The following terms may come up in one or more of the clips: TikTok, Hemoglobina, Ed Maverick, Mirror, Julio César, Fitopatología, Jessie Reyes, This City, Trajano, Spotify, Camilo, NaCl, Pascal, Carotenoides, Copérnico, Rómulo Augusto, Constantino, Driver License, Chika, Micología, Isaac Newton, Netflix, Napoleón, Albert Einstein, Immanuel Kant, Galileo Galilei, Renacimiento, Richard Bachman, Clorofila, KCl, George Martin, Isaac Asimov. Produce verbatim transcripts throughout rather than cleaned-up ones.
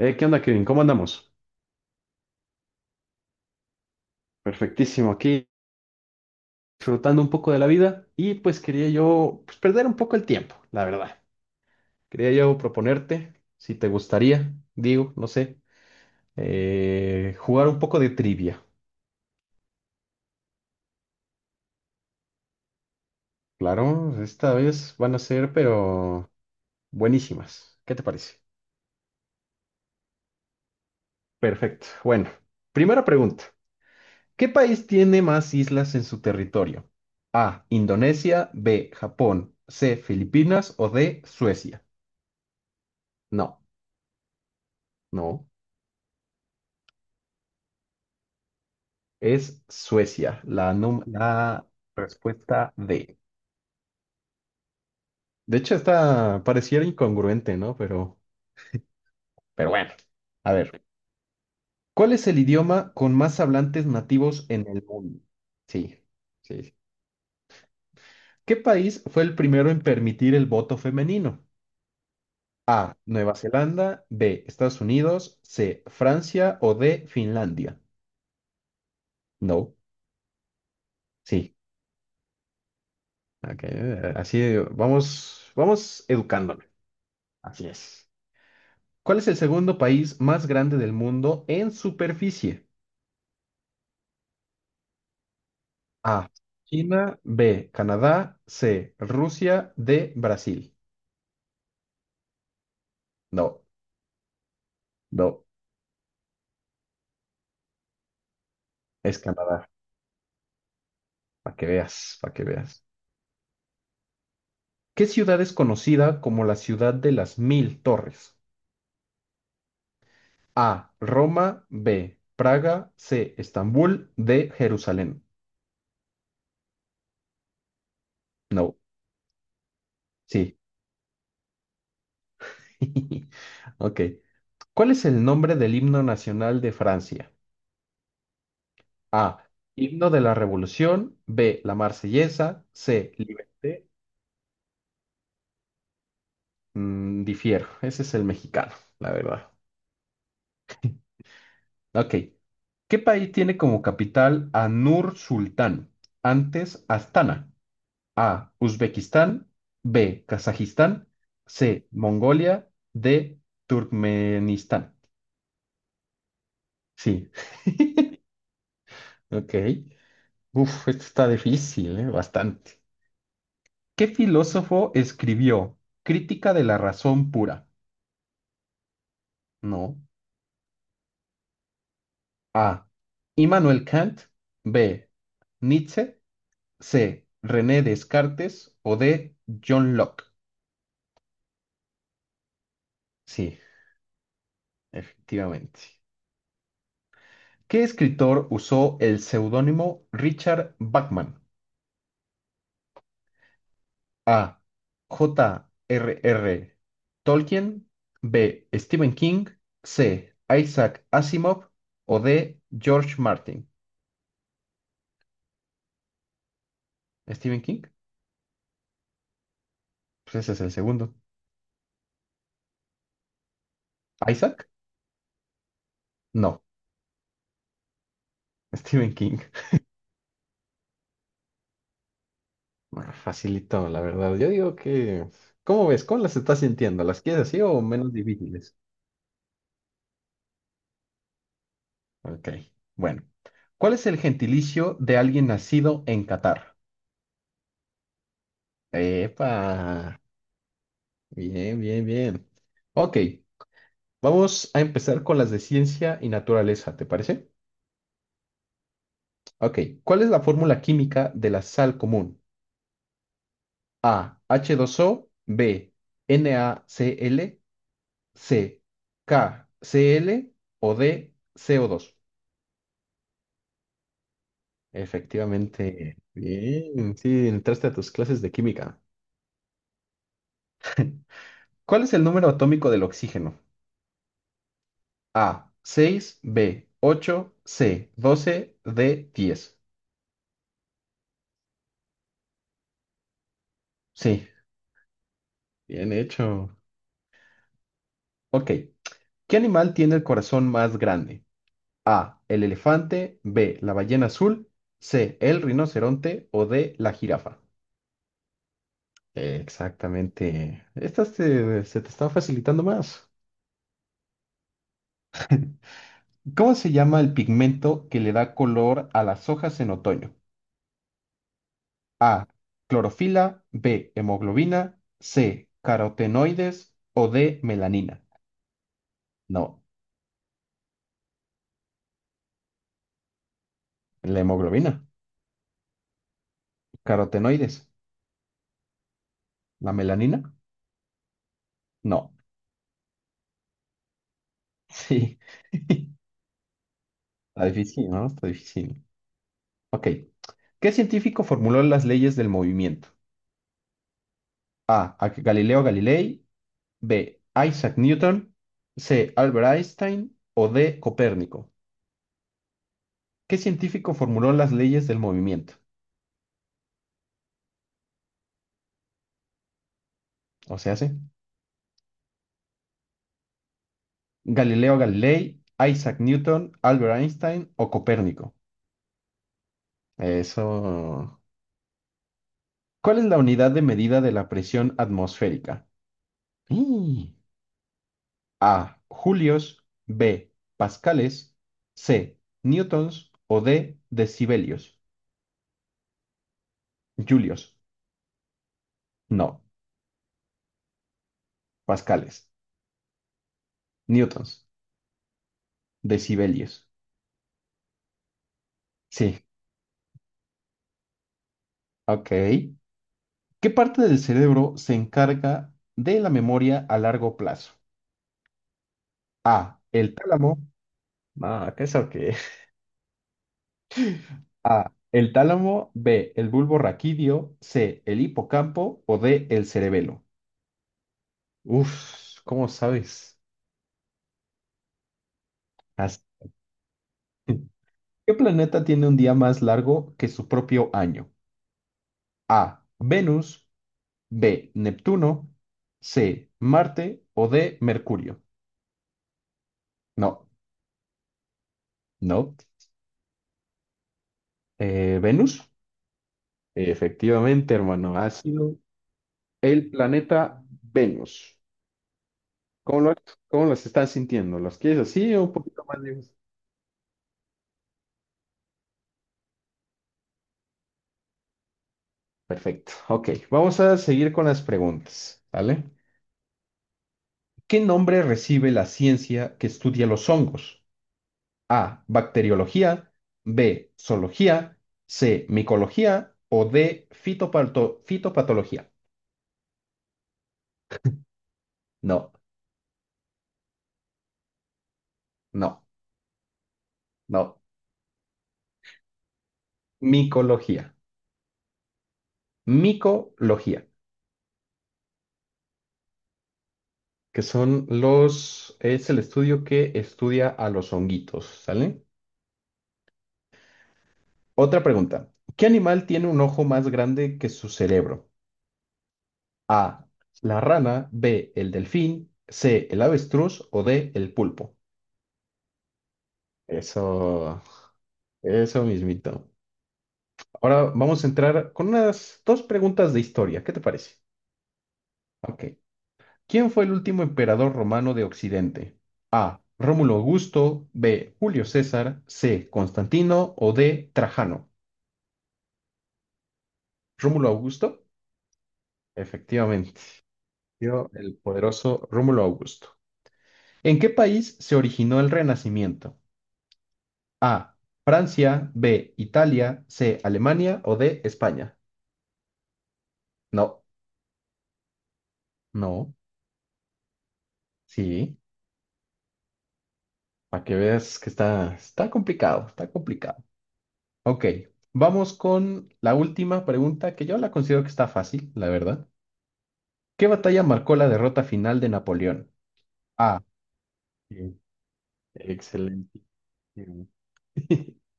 Eh, ¿qué onda, Kevin? ¿Cómo andamos? Perfectísimo, aquí disfrutando un poco de la vida y pues quería yo pues, perder un poco el tiempo, la verdad. Quería yo proponerte, si te gustaría, digo, no sé, eh, jugar un poco de trivia. Claro, esta vez van a ser, pero buenísimas. ¿Qué te parece? Perfecto. Bueno, primera pregunta. ¿Qué país tiene más islas en su territorio? A, Indonesia, B, Japón, C, Filipinas o D, Suecia. No, no. Es Suecia, la, num- la respuesta D. De hecho, esta pareciera incongruente, ¿no? Pero, pero bueno. A ver, ¿cuál es el idioma con más hablantes nativos en el mundo? Sí, sí, sí. ¿Qué país fue el primero en permitir el voto femenino? A, Nueva Zelanda, B, Estados Unidos, C, Francia o D, Finlandia. No, sí. Ok, eh, así vamos, vamos educándome. Así es. ¿Cuál es el segundo país más grande del mundo en superficie? A. China. B. Canadá. C. Rusia. D. Brasil. No, no, es Canadá. Para que veas, para que veas. ¿Qué ciudad es conocida como la ciudad de las mil torres? A. Roma. B. Praga. C. Estambul. D. Jerusalén. No, sí. Ok. ¿Cuál es el nombre del himno nacional de Francia? A. Himno de la Revolución. B. La Marsellesa. C. Liberté. Mm, difiero. Ese es el mexicano, la verdad. Ok. ¿Qué país tiene como capital a Nur Sultán? Antes Astana. A. Uzbekistán. B. Kazajistán. C. Mongolia. D. Turkmenistán. Sí. Ok. Uf, esto está difícil, ¿eh? Bastante. ¿Qué filósofo escribió Crítica de la razón pura? No. A. Immanuel Kant. B. Nietzsche. C. René Descartes. O D. John Locke. Sí, efectivamente. ¿Qué escritor usó el seudónimo Richard Bachman? A. J. R. R. Tolkien. B. Stephen King. C. Isaac Asimov. O D. George Martin. ¿Stephen King? Pues ese es el segundo. ¿Isaac? No. Stephen King. Ah, facilito, la verdad. Yo digo que, ¿cómo ves? ¿Cómo las estás sintiendo? ¿Las quieres así o menos difíciles? Ok, bueno. ¿Cuál es el gentilicio de alguien nacido en Qatar? Epa, bien, bien, bien. Ok, vamos a empezar con las de ciencia y naturaleza, ¿te parece? Ok, ¿cuál es la fórmula química de la sal común? A, h dos o B, NaCl, C, KCl o D, co dos. Efectivamente. Bien, sí, entraste a tus clases de química. ¿Cuál es el número atómico del oxígeno? A, seis B, ocho C, doce D, diez. Sí, bien hecho. Ok. ¿Qué animal tiene el corazón más grande? A, el elefante, B, la ballena azul, C, el rinoceronte o D, la jirafa. Exactamente. Esta se, se te está facilitando más. ¿Cómo se llama el pigmento que le da color a las hojas en otoño? A. Clorofila. B. Hemoglobina. C. Carotenoides. O D. Melanina. No, la hemoglobina. Carotenoides. ¿La melanina? No. Sí. Está difícil, ¿no? Está difícil. Ok. ¿Qué científico formuló las leyes del movimiento? A. Galileo Galilei. B. Isaac Newton. C. Albert Einstein. O D. Copérnico. ¿Qué científico formuló las leyes del movimiento? O sea, ¿sí? Galileo Galilei, Isaac Newton, Albert Einstein o Copérnico. Eso. ¿Cuál es la unidad de medida de la presión atmosférica? ¡Y! A. Julios. B. Pascales. C. Newtons. O D. Decibelios. Julios. No. Pascales. Newtons. Decibelios. Sí. Ok. ¿Qué parte del cerebro se encarga de la memoria a largo plazo? A. El tálamo. Ah, ¿qué es eso qué? A. El tálamo. B. El bulbo raquídeo. C. El hipocampo. O D. El cerebelo. Uf, ¿cómo sabes? As- ¿Qué planeta tiene un día más largo que su propio año? A. Venus. B. Neptuno. C. Marte. O D. Mercurio. No, no. Eh, ¿Venus? Efectivamente, hermano. Ácido. El planeta Venus. ¿Cómo lo, cómo las están sintiendo? ¿Las quieres así o un poquito más lejos? Perfecto. Ok, vamos a seguir con las preguntas, ¿vale? ¿Qué nombre recibe la ciencia que estudia los hongos? A. Bacteriología. B. Zoología. C. Micología. O D. Fitopato- fitopatología. No, no, no. Micología. Micología, que son los, es el estudio que estudia a los honguitos, ¿sale? Otra pregunta. ¿Qué animal tiene un ojo más grande que su cerebro? A, la rana, B, el delfín, C, el avestruz o D, el pulpo. Eso, eso mismito. Ahora vamos a entrar con unas dos preguntas de historia. ¿Qué te parece? Ok. ¿Quién fue el último emperador romano de Occidente? ¿Rómulo Augusto, B, Julio César, C, Constantino o D, Trajano? ¿Rómulo Augusto? Efectivamente. Yo, el poderoso Rómulo Augusto. ¿En qué país se originó el Renacimiento? A. Francia, B. Italia, C. Alemania o D. España. No, no, sí, para que veas que está, está complicado, está complicado. Ok, vamos con la última pregunta que yo la considero que está fácil, la verdad. ¿Qué batalla marcó la derrota final de Napoleón? A. Sí, excelente.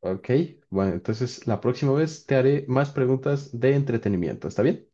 Ok, bueno, entonces la próxima vez te haré más preguntas de entretenimiento, ¿está bien?